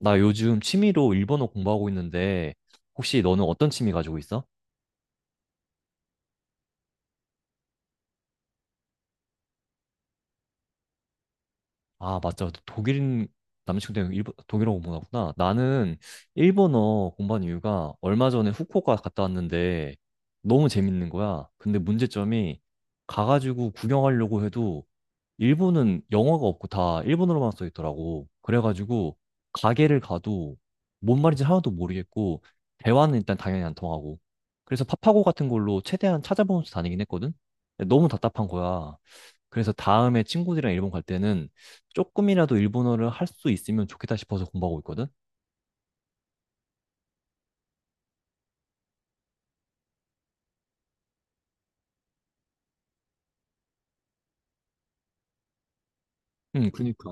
나 요즘 취미로 일본어 공부하고 있는데, 혹시 너는 어떤 취미 가지고 있어? 아, 맞죠. 독일인 남자친구 때문에 일본, 독일어 공부하구나. 나는 일본어 공부한 이유가 얼마 전에 후쿠오카 갔다 왔는데 너무 재밌는 거야. 근데 문제점이 가가지고 구경하려고 해도 일본은 영어가 없고 다 일본어로만 써 있더라고. 그래가지고 가게를 가도 뭔 말인지 하나도 모르겠고 대화는 일단 당연히 안 통하고. 그래서 파파고 같은 걸로 최대한 찾아보면서 다니긴 했거든. 근데 너무 답답한 거야. 그래서 다음에 친구들이랑 일본 갈 때는 조금이라도 일본어를 할 수 있으면 좋겠다 싶어서 공부하고 있거든? 응, 그니까.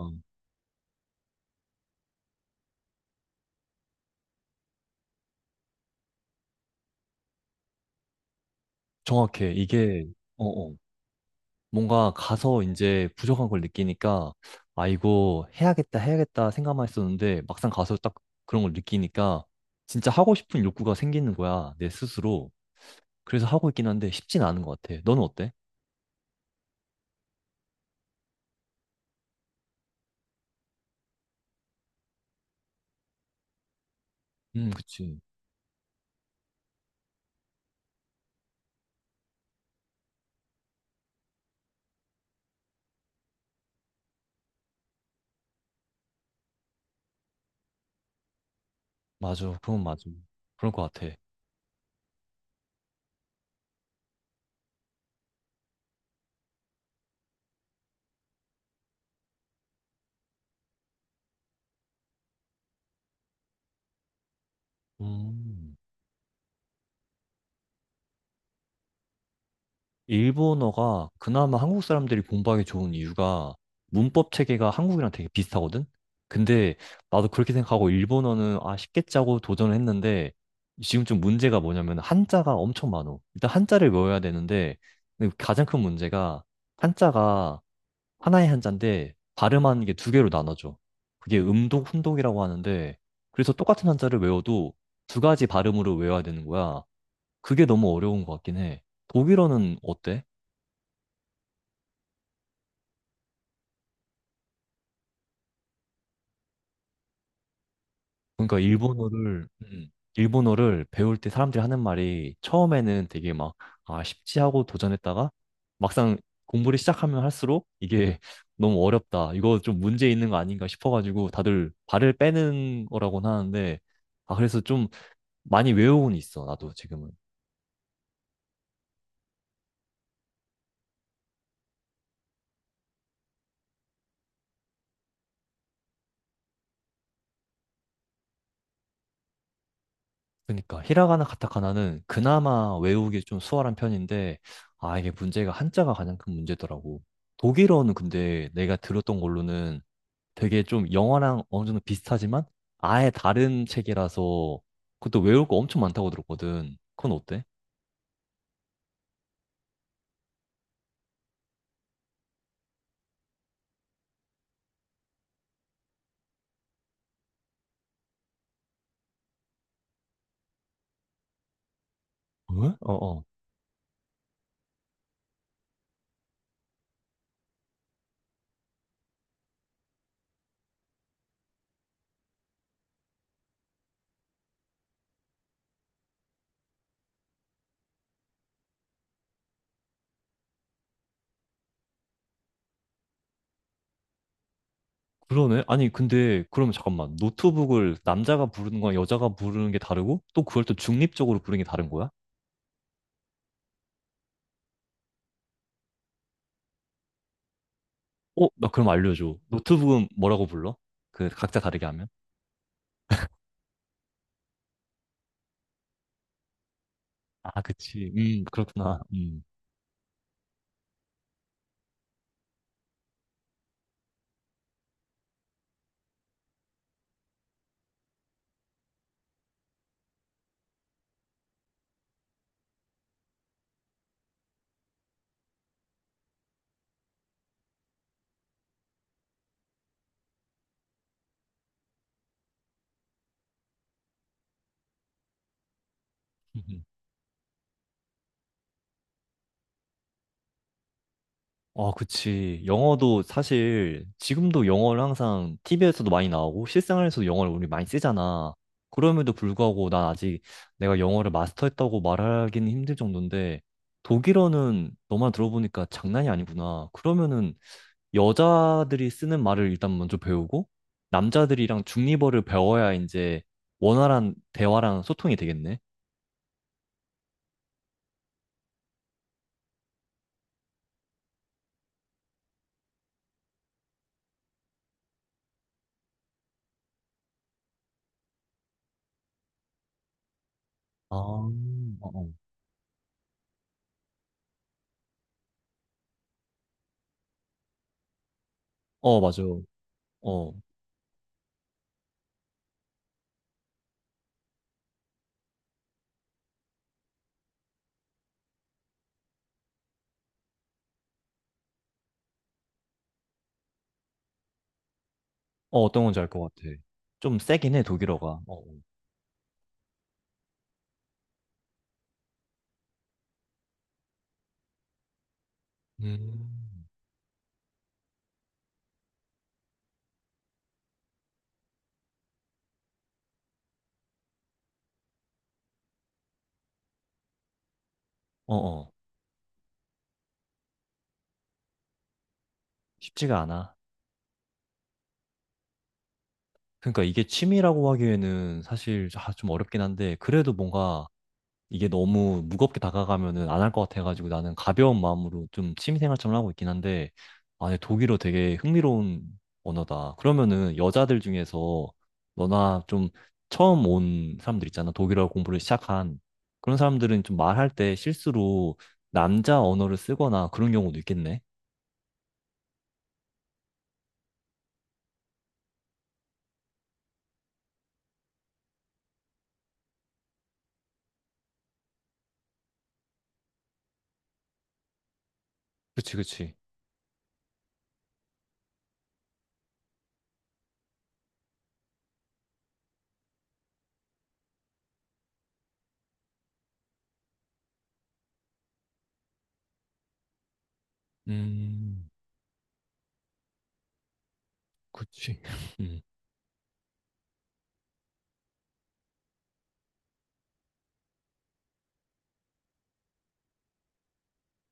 정확해. 이게, 어, 어. 뭔가 가서 이제 부족한 걸 느끼니까, 아, 이거 해야겠다, 해야겠다 생각만 했었는데, 막상 가서 딱 그런 걸 느끼니까, 진짜 하고 싶은 욕구가 생기는 거야, 내 스스로. 그래서 하고 있긴 한데, 쉽진 않은 것 같아. 너는 어때? 그치. 맞아. 그건 맞아. 그럴 것 같아. 음. 일본어가 그나마 한국 사람들이 공부하기 좋은 이유가 문법 체계가 한국이랑 되게 비슷하거든? 근데 나도 그렇게 생각하고 일본어는 아 쉽겠지 하고 도전을 했는데 지금 좀 문제가 뭐냐면 한자가 엄청 많어. 일단 한자를 외워야 되는데 근데 가장 큰 문제가 한자가 하나의 한자인데 발음하는 게 두 개로 나눠져. 그게 음독, 훈독이라고 하는데 그래서 똑같은 한자를 외워도 두 가지 발음으로 외워야 되는 거야. 그게 너무 어려운 것 같긴 해. 독일어는 어때? 그러니까 일본어를 일본어를 배울 때 사람들이 하는 말이 처음에는 되게 막 아, 쉽지 하고 도전했다가 막상 공부를 시작하면 할수록 이게 너무 어렵다. 이거 좀 문제 있는 거 아닌가 싶어가지고 다들 발을 빼는 거라고는 하는데 아 그래서 좀 많이 외우고는 있어. 나도 지금은. 그러니까 히라가나 카타카나는 그나마 외우기 좀 수월한 편인데 아 이게 문제가 한자가 가장 큰 문제더라고. 독일어는 근데 내가 들었던 걸로는 되게 좀 영화랑 어느 정도 비슷하지만 아예 다른 책이라서 그것도 외울 거 엄청 많다고 들었거든. 그건 어때? 왜? 어어. 그러네. 아니, 근데 그러면 잠깐만. 노트북을 남자가 부르는 거랑 여자가 부르는 게 다르고 또 그걸 또 중립적으로 부르는 게 다른 거야? 어, 나 그럼 알려줘. 노트북은 뭐라고 불러? 그 각자 다르게 하면? 아, 그치. 그렇구나. 음. 아, 그치. 영어도 사실 지금도 영어를 항상 TV에서도 많이 나오고 실생활에서도 영어를 우리 많이 쓰잖아. 그럼에도 불구하고 난 아직 내가 영어를 마스터했다고 말하기는 힘들 정도인데 독일어는 너만 들어보니까 장난이 아니구나. 그러면은 여자들이 쓰는 말을 일단 먼저 배우고 남자들이랑 중립어를 배워야 이제 원활한 대화랑 소통이 되겠네. 아, 어, 어, 어, 맞아. 어. 어, 어떤 건지 알 것 같아. 좀 세긴 해, 독일어가. 어, 음. 어, 어. 쉽지가 않아. 그러니까 이게 취미라고 하기에는 사실 아, 좀 어렵긴 한데, 그래도 뭔가 이게 너무 무겁게 다가가면은 안 할 것 같아가지고 나는 가벼운 마음으로 좀 취미생활처럼 하고 있긴 한데, 아, 네, 독일어 되게 흥미로운 언어다. 그러면은 여자들 중에서 너나 좀 처음 온 사람들 있잖아. 독일어 공부를 시작한 그런 사람들은 좀 말할 때 실수로 남자 언어를 쓰거나 그런 경우도 있겠네. 그치, 그치. 음, 그치. 음.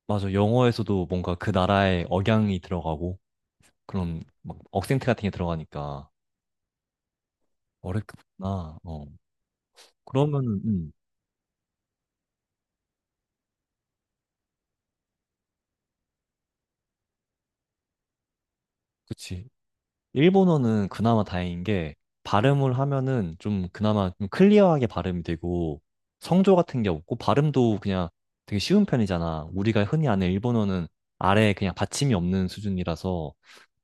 맞아. 영어에서도 뭔가 그 나라의 억양이 들어가고 그런 막 억센트 같은 게 들어가니까. 어렵구나. 어. 그러면은, 그치. 일본어는 그나마 다행인 게, 발음을 하면은 좀 그나마 좀 클리어하게 발음이 되고, 성조 같은 게 없고, 발음도 그냥 되게 쉬운 편이잖아. 우리가 흔히 아는 일본어는 아래에 그냥 받침이 없는 수준이라서,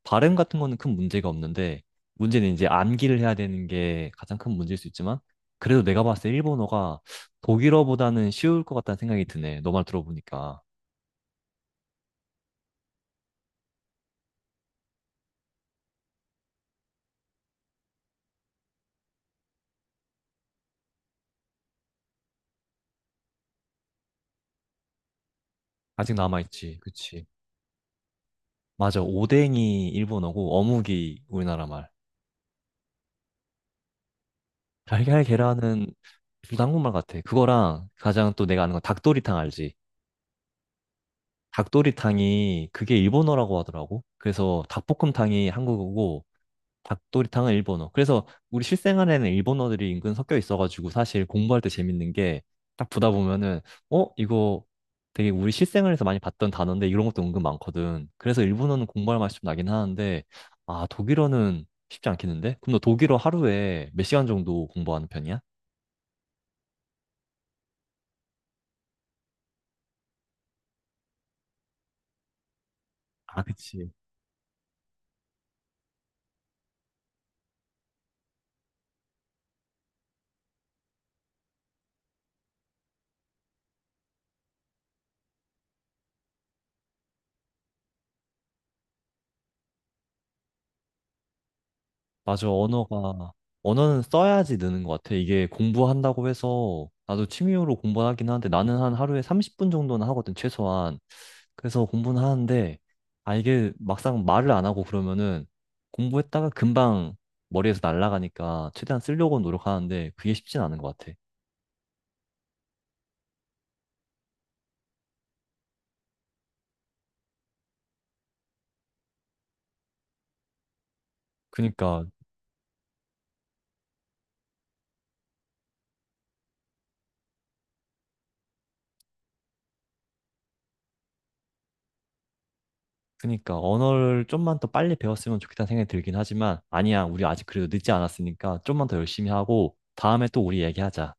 발음 같은 거는 큰 문제가 없는데, 문제는 이제 암기를 해야 되는 게 가장 큰 문제일 수 있지만, 그래도 내가 봤을 때 일본어가 독일어보다는 쉬울 것 같다는 생각이 드네. 너 말 들어보니까. 아직 남아있지. 그치. 맞아. 오뎅이 일본어고 어묵이 우리나라 말. 달걀 계란은 둘다 한국말 같아. 그거랑 가장 또 내가 아는 건 닭도리탕 알지? 닭도리탕이 그게 일본어라고 하더라고. 그래서 닭볶음탕이 한국어고 닭도리탕은 일본어. 그래서 우리 실생활에는 일본어들이 은근 섞여 있어가지고 사실 공부할 때 재밌는 게 딱 보다 보면은 어? 이거 되게 우리 실생활에서 많이 봤던 단어인데 이런 것도 은근 많거든. 그래서 일본어는 공부할 맛이 좀 나긴 하는데 아 독일어는 쉽지 않겠는데? 그럼 너 독일어 하루에 몇 시간 정도 공부하는 편이야? 아, 그치. 맞아, 언어가, 언어는 써야지 느는 것 같아. 이게 공부한다고 해서, 나도 취미로 공부하긴 하는데, 나는 한 하루에 30분 정도는 하거든, 최소한. 그래서 공부는 하는데, 아, 이게 막상 말을 안 하고 그러면은, 공부했다가 금방 머리에서 날아가니까, 최대한 쓰려고 노력하는데, 그게 쉽진 않은 것 같아. 그니까, 그니까, 언어를 좀만 더 빨리 배웠으면 좋겠다는 생각이 들긴 하지만, 아니야, 우리 아직 그래도 늦지 않았으니까, 좀만 더 열심히 하고, 다음에 또 우리 얘기하자.